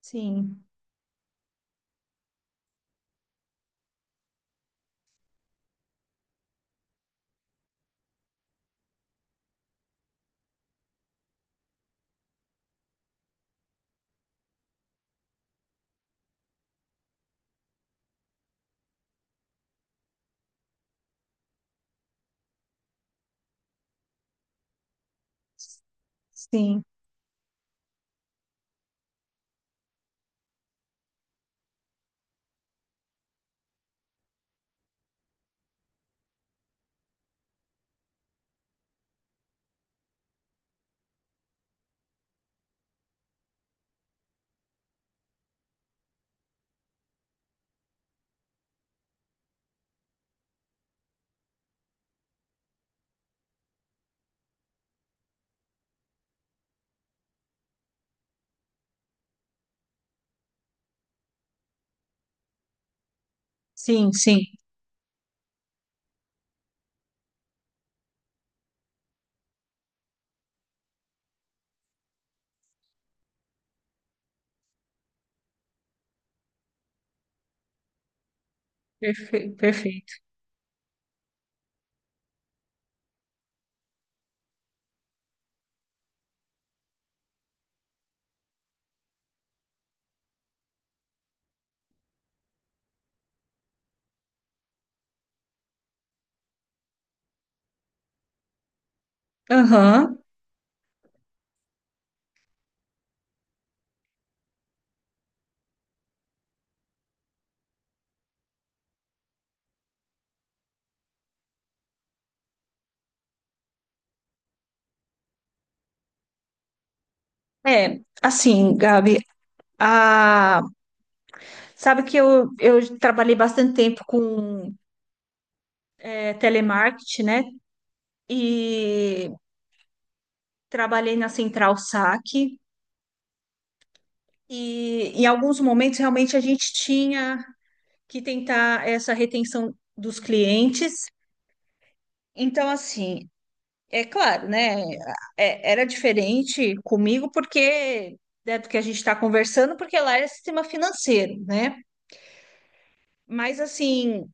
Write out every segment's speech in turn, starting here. Sim, sim, sim, sim. Perfeito, perfeito. Aham. É, assim, Gabi, a... sabe que eu trabalhei bastante tempo com telemarketing, né? E trabalhei na Central Saque. E em alguns momentos, realmente, a gente tinha que tentar essa retenção dos clientes. Então, assim, é claro, né? Era diferente comigo porque, né, do que a gente está conversando, porque lá era sistema financeiro, né? Mas assim,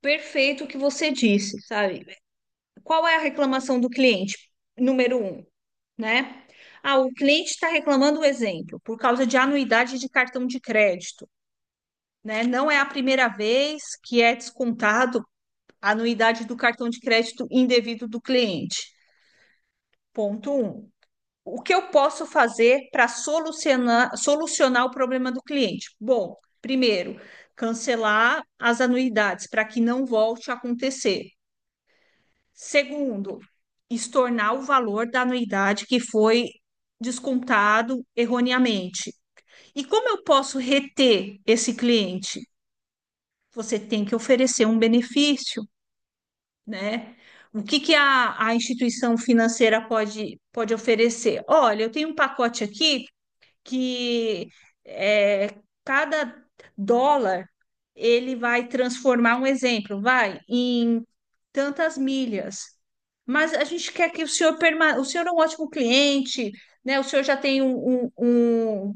perfeito o que você disse, sabe? Qual é a reclamação do cliente? Número um, né? Ah, o cliente está reclamando, um exemplo, por causa de anuidade de cartão de crédito, né? Não é a primeira vez que é descontado a anuidade do cartão de crédito indevido do cliente. Ponto um. O que eu posso fazer para solucionar o problema do cliente? Bom, primeiro, cancelar as anuidades para que não volte a acontecer. Segundo, estornar o valor da anuidade que foi descontado erroneamente. E como eu posso reter esse cliente? Você tem que oferecer um benefício, né? Que a instituição financeira pode, pode oferecer? Olha, eu tenho um pacote aqui que é, cada dólar ele vai transformar, um exemplo, vai em tantas milhas. Mas a gente quer que o senhor permaneça. O senhor é um ótimo cliente, né? O senhor já tem um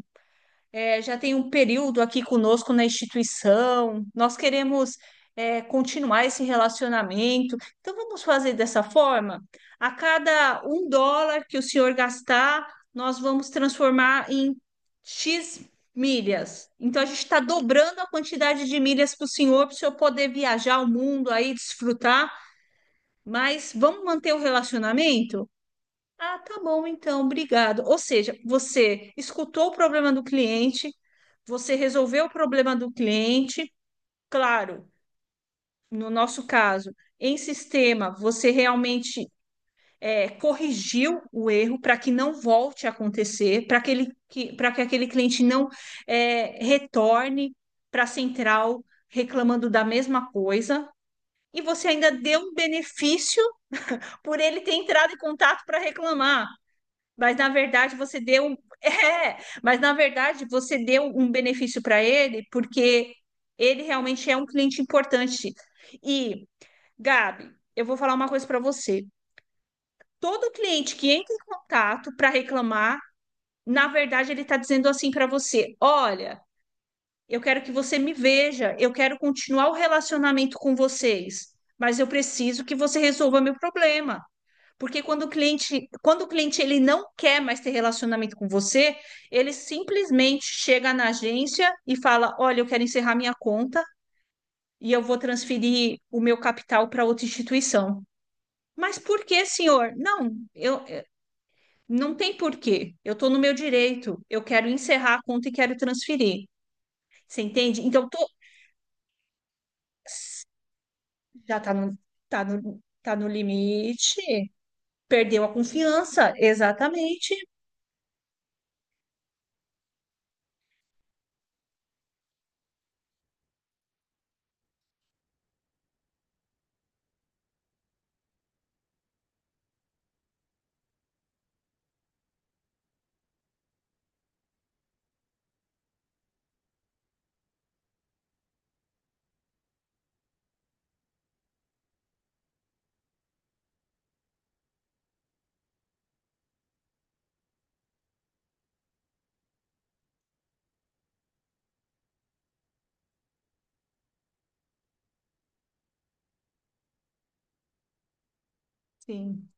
já tem um período aqui conosco na instituição, nós queremos, continuar esse relacionamento, então vamos fazer dessa forma? A cada um dólar que o senhor gastar, nós vamos transformar em X milhas. Então a gente está dobrando a quantidade de milhas para o senhor poder viajar o mundo aí, desfrutar, mas vamos manter o relacionamento? Ah, tá bom, então, obrigado. Ou seja, você escutou o problema do cliente, você resolveu o problema do cliente, claro, no nosso caso, em sistema, você realmente corrigiu o erro para que não volte a acontecer, para que aquele cliente não retorne para a central reclamando da mesma coisa. E você ainda deu um benefício por ele ter entrado em contato para reclamar. Mas na verdade você é, mas na verdade você deu um benefício para ele porque ele realmente é um cliente importante. E, Gabi, eu vou falar uma coisa para você. Todo cliente que entra em contato para reclamar, na verdade ele está dizendo assim para você: "Olha, eu quero que você me veja, eu quero continuar o relacionamento com vocês, mas eu preciso que você resolva meu problema. Porque quando o cliente ele não quer mais ter relacionamento com você, ele simplesmente chega na agência e fala: "Olha, eu quero encerrar minha conta e eu vou transferir o meu capital para outra instituição". Mas por que, senhor? Não, eu eu- não tem porquê. Eu estou no meu direito. Eu quero encerrar a conta e quero transferir. Você entende? Então tô, já tá no tá no tá no limite. Perdeu a confiança, exatamente. Sim,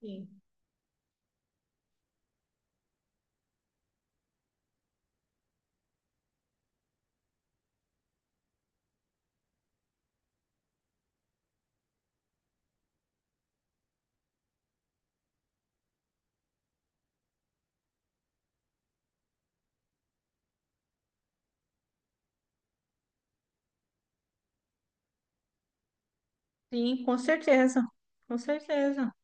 sim. Sim, com certeza, com certeza.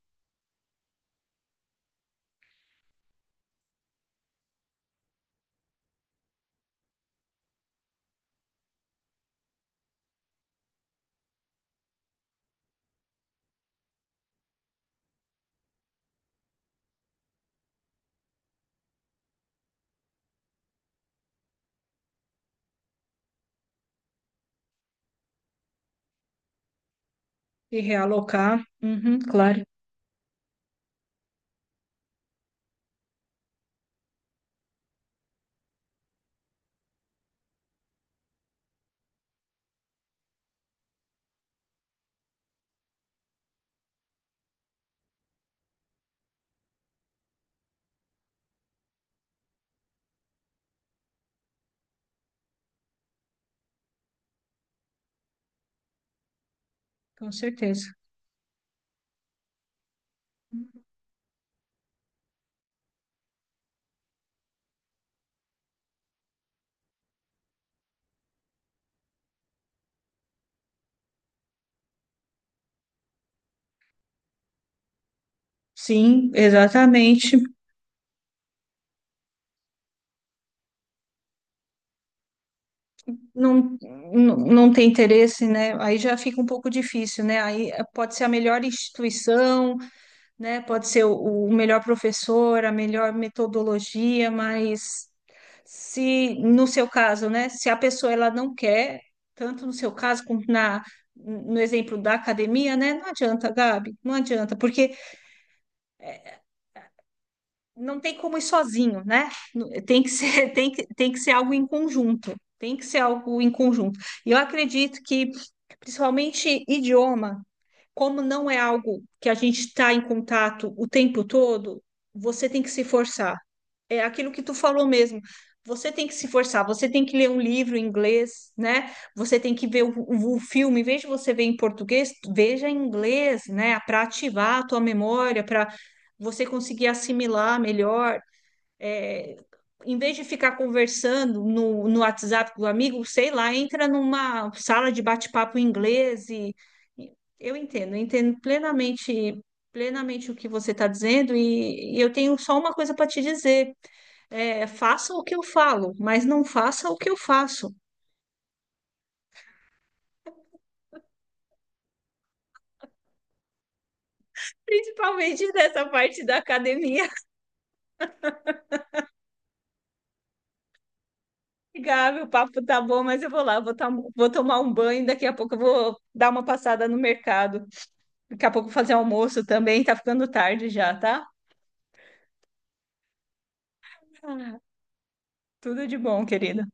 E realocar, uhum, claro, com certeza. Sim, exatamente. Não, não, não tem interesse, né? Aí já fica um pouco difícil, né? Aí pode ser a melhor instituição, né? Pode ser o melhor professor, a melhor metodologia, mas se no seu caso, né? Se a pessoa ela não quer, tanto no seu caso como no exemplo da academia, né? Não adianta, Gabi, não adianta, porque não tem como ir sozinho, né? Tem que ser, tem que ser algo em conjunto. Tem que ser algo em conjunto. E eu acredito que, principalmente idioma, como não é algo que a gente está em contato o tempo todo, você tem que se forçar. É aquilo que tu falou mesmo. Você tem que se forçar, você tem que ler um livro em inglês, né? Você tem que ver o filme; em vez de você ver em português, veja em inglês, né? Para ativar a tua memória, para você conseguir assimilar melhor, é, em vez de ficar conversando no WhatsApp com o amigo, sei lá, entra numa sala de bate-papo em inglês e e eu entendo, plenamente o que você está dizendo, e eu tenho só uma coisa para te dizer, faça o que eu falo, mas não faça o que eu faço. Principalmente nessa parte da academia. Gabi, o papo tá bom, mas eu vou lá, vou, vou tomar um banho, daqui a pouco eu vou dar uma passada no mercado. Daqui a pouco fazer almoço também, tá ficando tarde já, tá? Tudo de bom, querida.